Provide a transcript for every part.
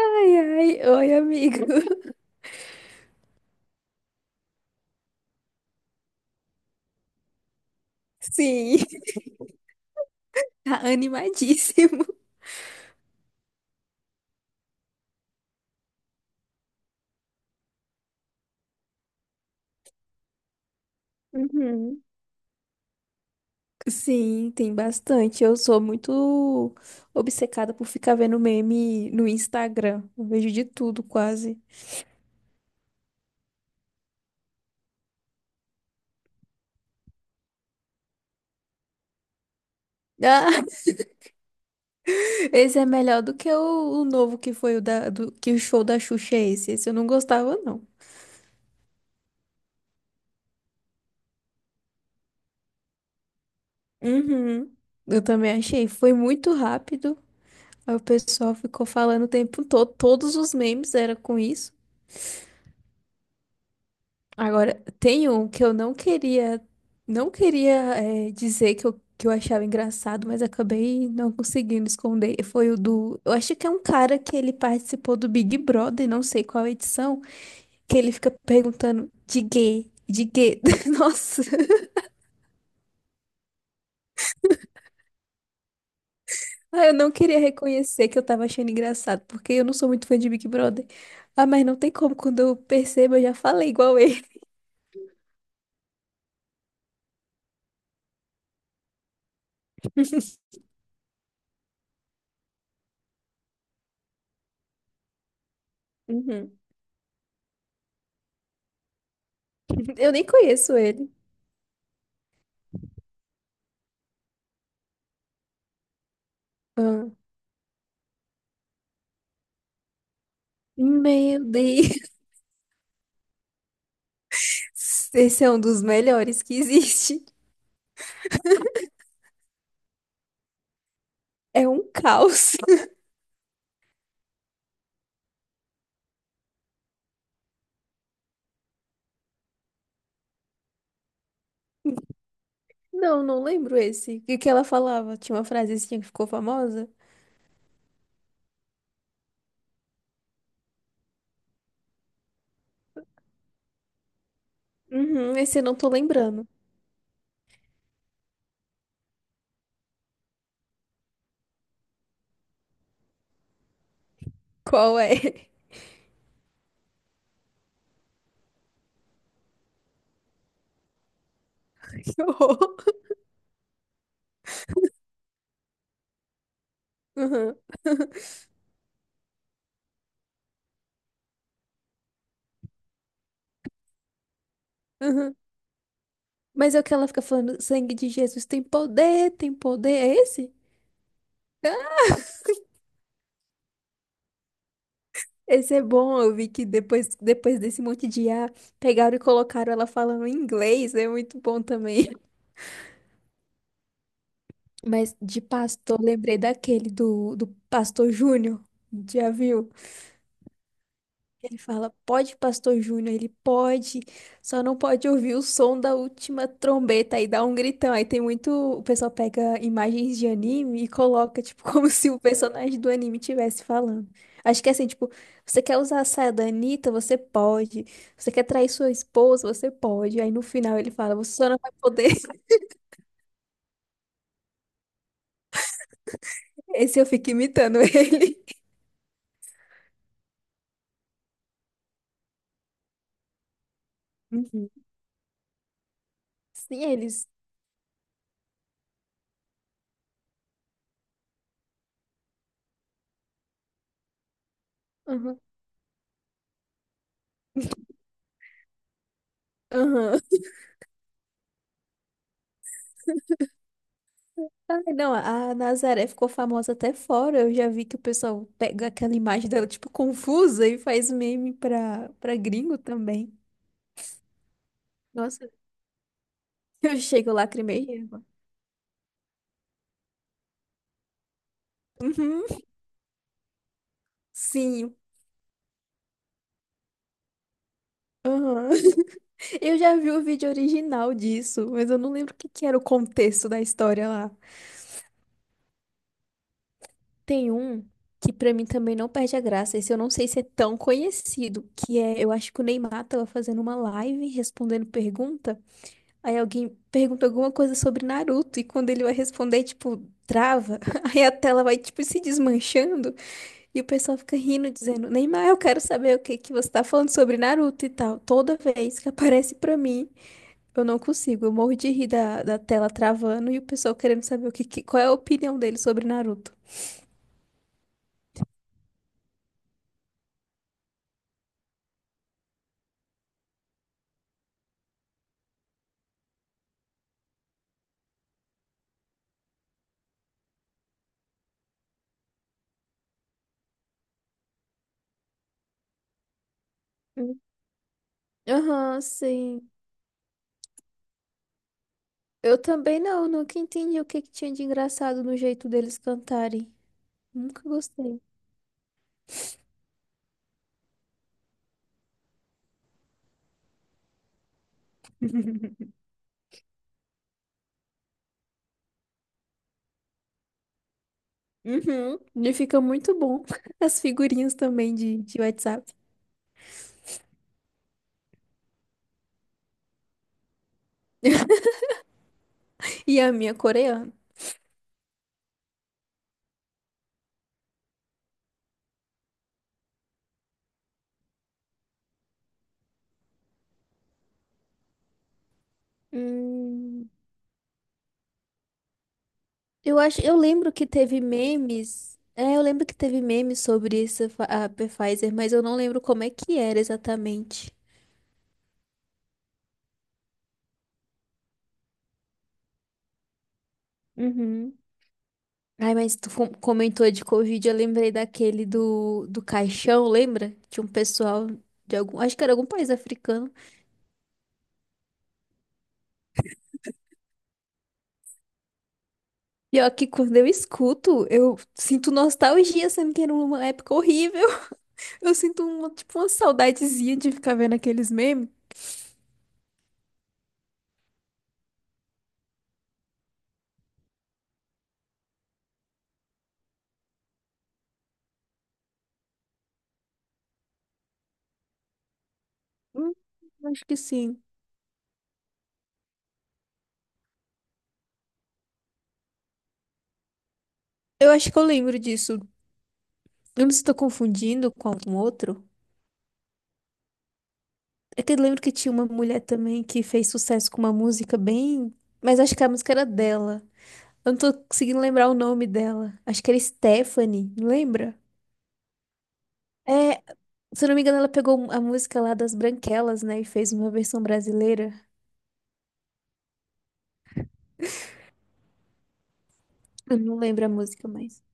Ai, ai, oi, amigo. Sim, tá animadíssimo. Uhum. Sim, tem bastante. Eu sou muito obcecada por ficar vendo meme no Instagram. Eu vejo de tudo, quase. Ah, esse é melhor do que o novo que foi o da, do, que o show da Xuxa é esse. Esse eu não gostava, não. Uhum. Eu também achei. Foi muito rápido. Aí o pessoal ficou falando o tempo todo. Todos os memes era com isso. Agora, tem um que eu não queria, não queria dizer que eu achava engraçado, mas acabei não conseguindo esconder. Foi o do. Eu acho que é um cara que ele participou do Big Brother, não sei qual edição, que ele fica perguntando de gay, de gay. Nossa, ah, eu não queria reconhecer que eu tava achando engraçado, porque eu não sou muito fã de Big Brother. Ah, mas não tem como, quando eu percebo, eu já falei igual ele. Uhum. Eu nem conheço ele. Ah. Meu Deus. Esse é um dos melhores que existe. É um caos. Não, não lembro esse. E o que ela falava? Tinha uma frasezinha que ficou famosa? Uhum, esse eu não tô lembrando. Qual é? Que horror. Uhum, uhum. Mas é o que ela fica falando, sangue de Jesus tem poder, tem poder. É esse? Esse é bom, eu vi que depois, depois desse monte de ah, pegaram e colocaram ela falando em inglês, é muito bom também. Mas de pastor, lembrei daquele do pastor Júnior, já viu? Ele fala, pode, Pastor Júnior, ele pode, só não pode ouvir o som da última trombeta, aí dá um gritão. Aí tem muito, o pessoal pega imagens de anime e coloca, tipo, como se o personagem do anime estivesse falando. Acho que é assim, tipo, você quer usar a saia da Anitta, você pode. Você quer trair sua esposa, você pode. Aí no final ele fala, você só não vai poder. Esse eu fico imitando ele. Uhum. Sim, eles. Aham, aham, ai, não, a Nazaré ficou famosa até fora. Eu já vi que o pessoal pega aquela imagem dela, tipo, confusa e faz meme pra gringo também. Nossa, eu chego, lacrimei. Uhum, sim. Aham. Eu já vi o vídeo original disso, mas eu não lembro o que que era o contexto da história lá. Tem um que pra mim também não perde a graça, esse eu não sei se é tão conhecido, que é, eu acho que o Neymar tava fazendo uma live respondendo pergunta. Aí alguém pergunta alguma coisa sobre Naruto e quando ele vai responder, tipo, trava. Aí a tela vai, tipo, se desmanchando e o pessoal fica rindo, dizendo: Neymar, eu quero saber o que que você tá falando sobre Naruto e tal. Toda vez que aparece pra mim, eu não consigo. Eu morro de rir da tela travando e o pessoal querendo saber o que, qual é a opinião dele sobre Naruto. Hum. Aham, sim. Eu também não, nunca entendi o que que tinha de engraçado no jeito deles cantarem. Nunca gostei. Uhum. E fica muito bom. As figurinhas também de WhatsApp. E a minha é coreana. Hum, eu acho, eu lembro que teve memes. É, eu lembro que teve memes sobre essa a Pfizer, mas eu não lembro como é que era exatamente. Uhum. Ai, mas tu comentou de Covid, eu lembrei daquele do caixão, lembra? Tinha um pessoal de algum, acho que era algum país africano. Pior que quando eu escuto, eu sinto nostalgia, sendo que era uma época horrível. Eu sinto uma, tipo, uma saudadezinha de ficar vendo aqueles memes. Hum, acho que sim. Eu acho que eu lembro disso. Eu não sei se tô confundindo com algum outro. É que eu lembro que tinha uma mulher também que fez sucesso com uma música bem. Mas acho que a música era dela. Eu não tô conseguindo lembrar o nome dela. Acho que era Stephanie, não lembra? É, se eu não me engano, ela pegou a música lá das Branquelas, né? E fez uma versão brasileira. Eu não lembro a música mais.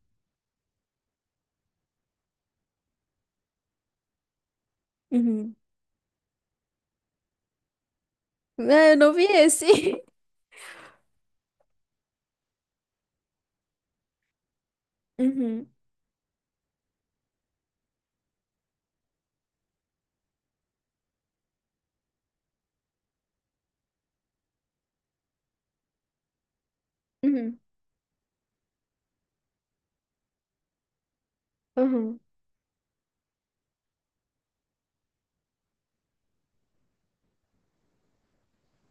Uhum. Ah, eu não vi esse. Uhum, uhum, uhum.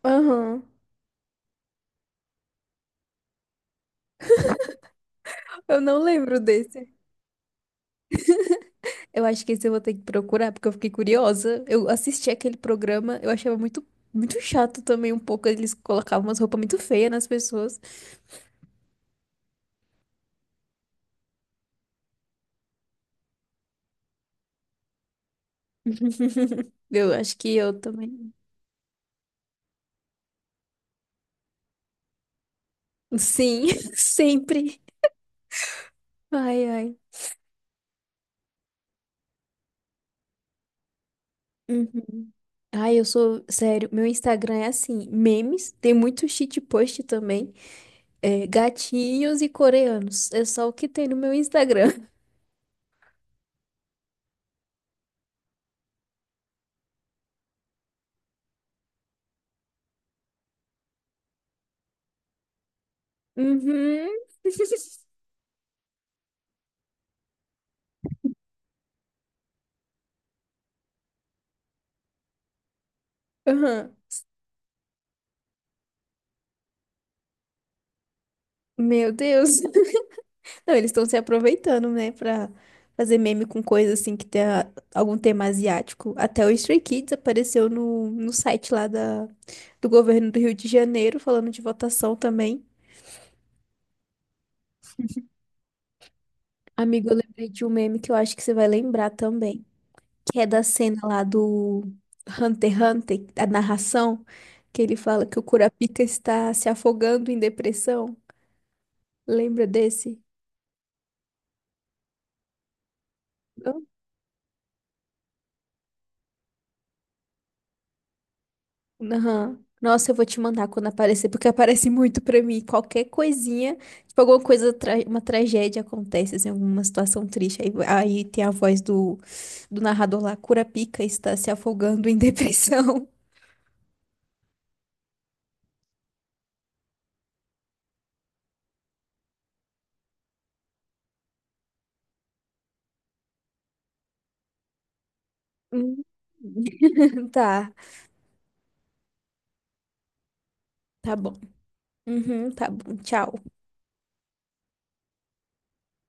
Aham. Eu não lembro desse. Eu acho que esse eu vou ter que procurar, porque eu fiquei curiosa. Eu assisti aquele programa, eu achava muito, muito chato também um pouco. Eles colocavam umas roupas muito feias nas pessoas. Eu acho que eu também. Sim, sempre. Ai, ai. Uhum. Ai, eu sou. Sério, meu Instagram é assim: memes, tem muito cheat post também. É, gatinhos e coreanos. É só o que tem no meu Instagram. Uhum. Aham. Meu Deus. Não, eles estão se aproveitando, né, pra fazer meme com coisa assim que tem algum tema asiático. Até o Stray Kids apareceu no site lá da, do governo do Rio de Janeiro, falando de votação também. Amigo, eu lembrei de um meme que eu acho que você vai lembrar também, que é da cena lá do Hunter x Hunter, a narração, que ele fala que o Kurapika está se afogando em depressão. Lembra desse? Aham. Nossa, eu vou te mandar quando aparecer, porque aparece muito pra mim. Qualquer coisinha, tipo, alguma coisa, uma tragédia acontece, assim, alguma situação triste. Aí, tem a voz do, do narrador lá, Curapica está se afogando em depressão. Hum. Tá, tá bom. Uhum, tá bom. Tchau.